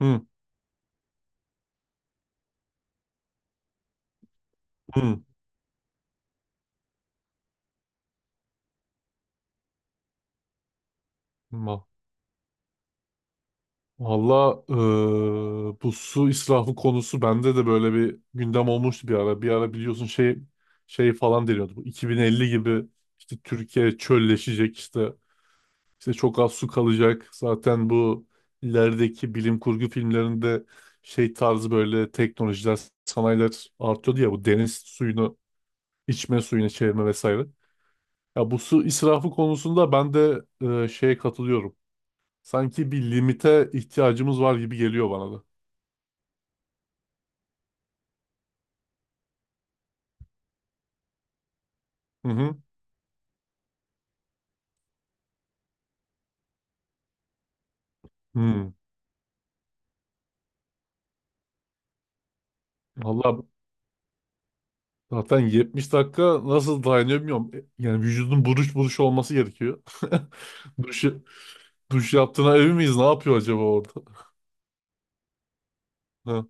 Hı, hı. Ma- Valla, bu su israfı konusu bende de böyle bir gündem olmuştu bir ara. Bir ara biliyorsun şey falan deniyordu. Bu 2050 gibi işte Türkiye çölleşecek, işte çok az su kalacak. Zaten bu ilerideki bilim kurgu filmlerinde şey tarzı böyle teknolojiler, sanayiler artıyordu ya, bu deniz suyunu içme suyuna çevirme vesaire. Ya bu su israfı konusunda ben de şeye katılıyorum. Sanki bir limite ihtiyacımız var gibi geliyor bana da. Hı hı. Hı. Valla zaten 70 dakika nasıl dayanıyor bilmiyorum. Yani vücudun buruş buruş olması gerekiyor. Duş, duş yaptığına emin miyiz? Ne yapıyor acaba orada? Ha.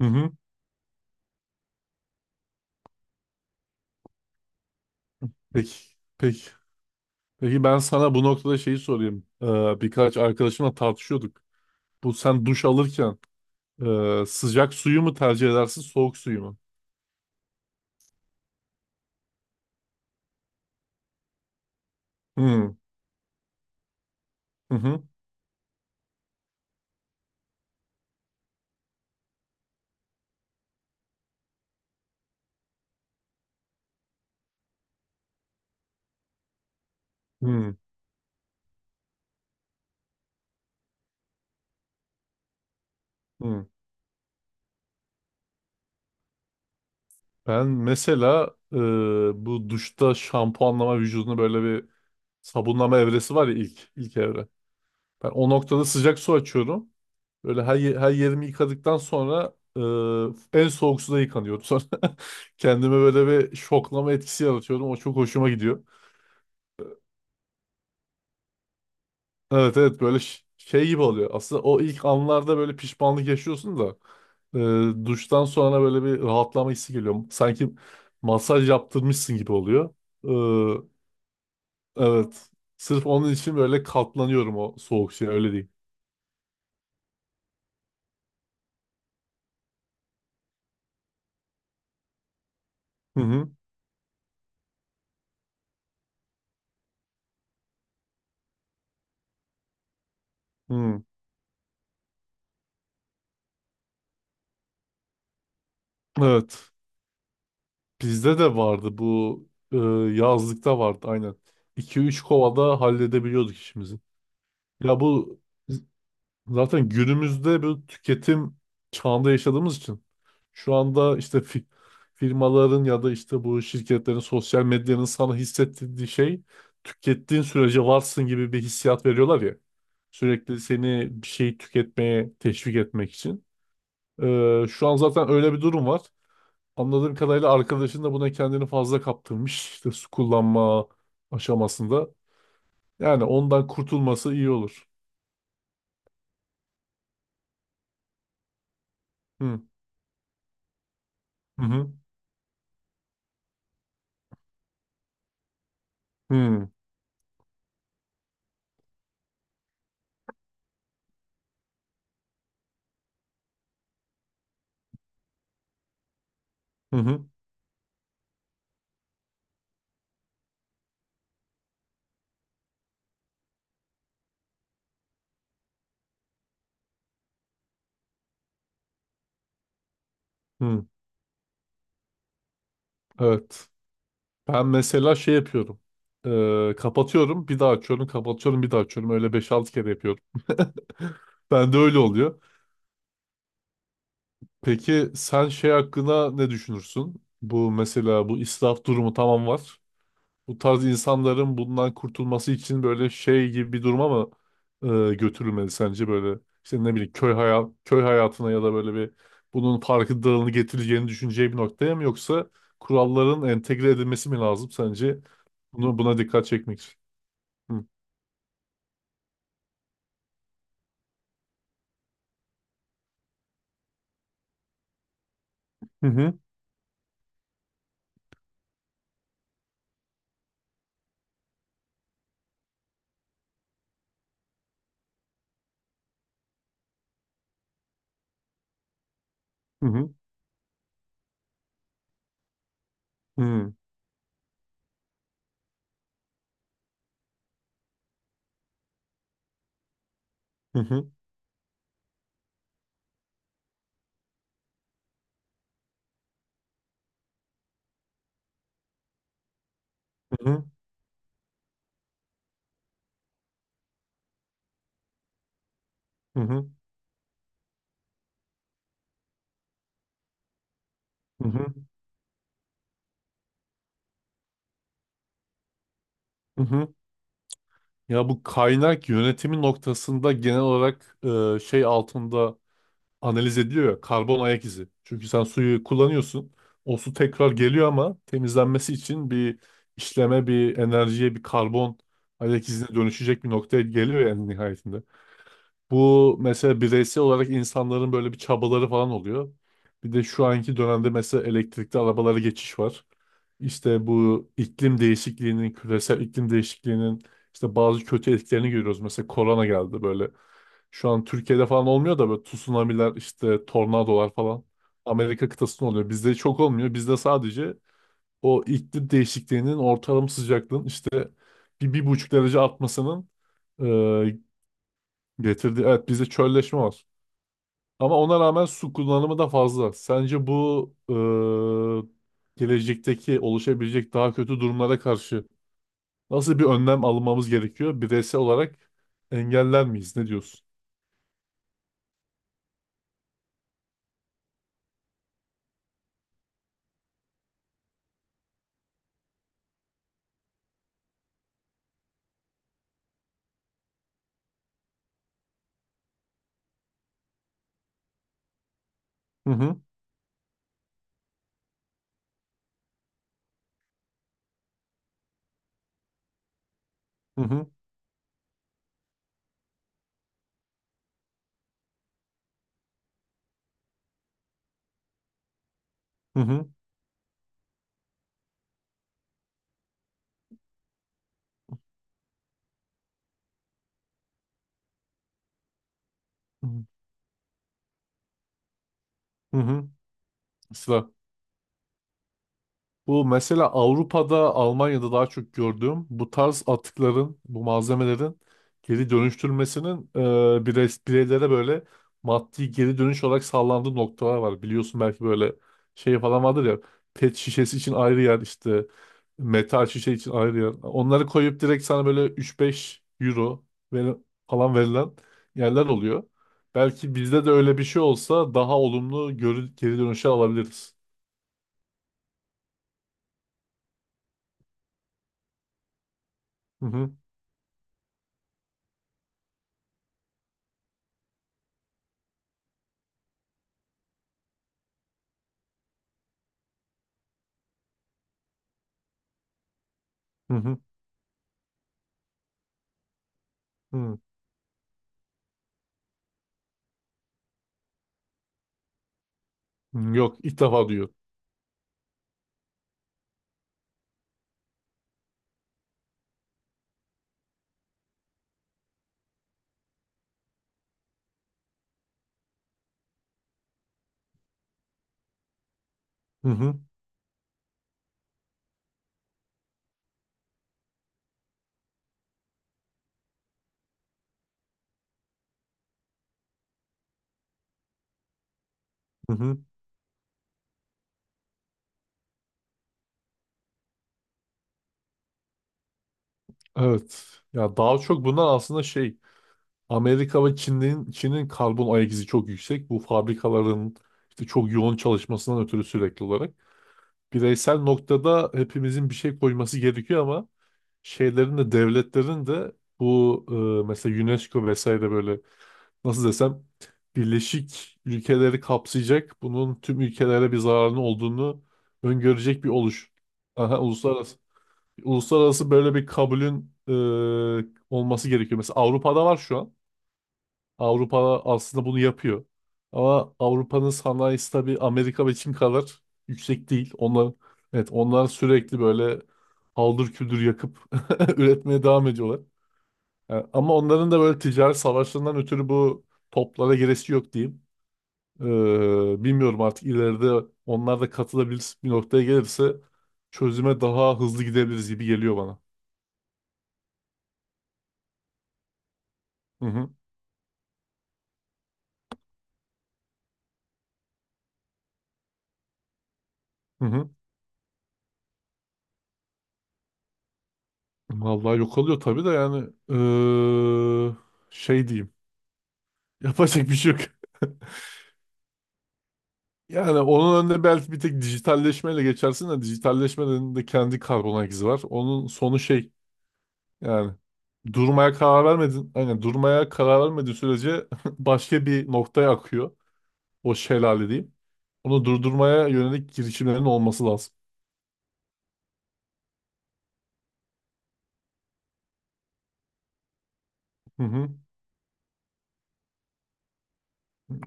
Hı hı. Peki. Peki. Peki, ben sana bu noktada şeyi sorayım. Birkaç arkadaşımla tartışıyorduk. Bu, sen duş alırken sıcak suyu mu tercih edersin, soğuk suyu mu? Hı hı. Hı hı. Hı. Ben mesela bu duşta şampuanlama, vücudunu böyle bir sabunlama evresi var ya, ilk evre. Ben o noktada sıcak su açıyorum. Böyle her yerimi yıkadıktan sonra en soğuk suda yıkanıyorum. Sonra kendime böyle bir şoklama etkisi yaratıyorum. O çok hoşuma gidiyor. Evet, evet, böyle şey gibi oluyor. Aslında o ilk anlarda böyle pişmanlık yaşıyorsun da duştan sonra böyle bir rahatlama hissi geliyor. Sanki masaj yaptırmışsın gibi oluyor. E, Evet. Sırf onun için böyle katlanıyorum o soğuk şeye, öyle değil. Hı hı. Hı. Evet. Bizde de vardı bu, e, yazlıkta vardı aynen. 2-3 kovada halledebiliyorduk işimizi. Ya bu Zaten günümüzde bir tüketim çağında yaşadığımız için şu anda işte firmaların ya da işte bu şirketlerin, sosyal medyanın sana hissettirdiği şey, tükettiğin sürece varsın gibi bir hissiyat veriyorlar ya. Sürekli seni bir şey tüketmeye teşvik etmek için. Şu an zaten öyle bir durum var. Anladığım kadarıyla arkadaşın da buna kendini fazla kaptırmış, İşte su kullanma aşamasında. Yani ondan kurtulması iyi olur. Hı hı, hı hı, hı. Hı. Evet. Ben mesela şey yapıyorum. Kapatıyorum, bir daha açıyorum, kapatıyorum, bir daha açıyorum. Öyle beş altı kere yapıyorum. Ben de öyle oluyor. Peki sen şey hakkında ne düşünürsün? Bu mesela, bu israf durumu, tamam, var. Bu tarz insanların bundan kurtulması için böyle şey gibi bir duruma mı götürülmeli sence, böyle işte ne bileyim köy hayatına ya da böyle bir, bunun farkındalığını getireceğini düşüneceği bir noktaya mı, yoksa kuralların entegre edilmesi mi lazım sence? Buna dikkat çekmek için. Hı. Hı hı. Hı hı. Hı. Hı hı. Hı hı. Hı hı. Hı. Ya bu kaynak yönetimi noktasında genel olarak şey altında analiz ediliyor ya, karbon ayak izi. Çünkü sen suyu kullanıyorsun. O su tekrar geliyor ama temizlenmesi için bir işleme, bir enerjiye, bir karbon ayak izine dönüşecek bir noktaya geliyor yani nihayetinde. Bu mesela bireysel olarak insanların böyle bir çabaları falan oluyor. Bir de şu anki dönemde mesela elektrikli arabalara geçiş var. İşte bu iklim değişikliğinin, küresel iklim değişikliğinin işte bazı kötü etkilerini görüyoruz. Mesela korona geldi böyle. Şu an Türkiye'de falan olmuyor da böyle tsunamiler, işte tornadolar falan Amerika kıtasında oluyor. Bizde çok olmuyor. Bizde sadece o iklim değişikliğinin, ortalama sıcaklığın işte bir, 1,5 derece artmasının e, getirdiği... Evet, bizde çölleşme var. Ama ona rağmen su kullanımı da fazla. Sence bu gelecekteki oluşabilecek daha kötü durumlara karşı nasıl bir önlem almamız gerekiyor? Bireysel olarak engeller miyiz? Ne diyorsun? Hı hı, hı hı, hı hı, hı hı. Sıra. Bu mesela Avrupa'da, Almanya'da daha çok gördüğüm, bu tarz atıkların, bu malzemelerin geri dönüştürülmesinin bireylere böyle maddi geri dönüş olarak sağlandığı noktalar var. Biliyorsun, belki böyle şey falan vardır ya, pet şişesi için ayrı yer, işte metal şişe için ayrı yer. Onları koyup direkt sana böyle üç beş euro ver- falan verilen yerler oluyor. Belki bizde de öyle bir şey olsa daha olumlu geri dönüşe alabiliriz. Hı hı, hı hı, hı. Hmm, yok, ilk defa duyuyorum. Hı hı, hı hı. Evet. Ya daha çok bundan aslında şey, Amerika ve Çin'in karbon ayak izi çok yüksek. Bu fabrikaların işte çok yoğun çalışmasından ötürü sürekli olarak. Bireysel noktada hepimizin bir şey koyması gerekiyor ama şeylerin de, devletlerin de bu mesela UNESCO vesaire, böyle nasıl desem, birleşik ülkeleri kapsayacak, bunun tüm ülkelere bir zararının olduğunu öngörecek bir oluş. Aha, uluslararası böyle bir kabulün olması gerekiyor. Mesela Avrupa'da var şu an. Avrupa aslında bunu yapıyor. Ama Avrupa'nın sanayisi tabii Amerika ve Çin kadar yüksek değil. Evet, onlar sürekli böyle haldır küldür yakıp üretmeye devam ediyorlar. Yani ama onların da böyle ticaret savaşlarından ötürü bu toplara giresi yok diyeyim. Bilmiyorum, artık ileride onlar da katılabilir bir noktaya gelirse çözüme daha hızlı gidebiliriz gibi geliyor bana. Hı hı. Hı hı. Vallahi yok oluyor tabii de, yani şey diyeyim. Yapacak bir şey yok. Yani onun önüne belki bir tek dijitalleşmeyle geçersin de, dijitalleşmenin de kendi karbon ayak izi var. Onun sonu şey, yani durmaya karar vermedin. Aynen, durmaya karar vermediğin sürece başka bir noktaya akıyor. O şelale diyeyim. Onu durdurmaya yönelik girişimlerin olması lazım. Hı hı.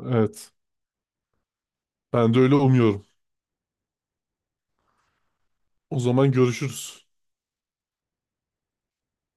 Evet. Ben de öyle umuyorum. O zaman görüşürüz.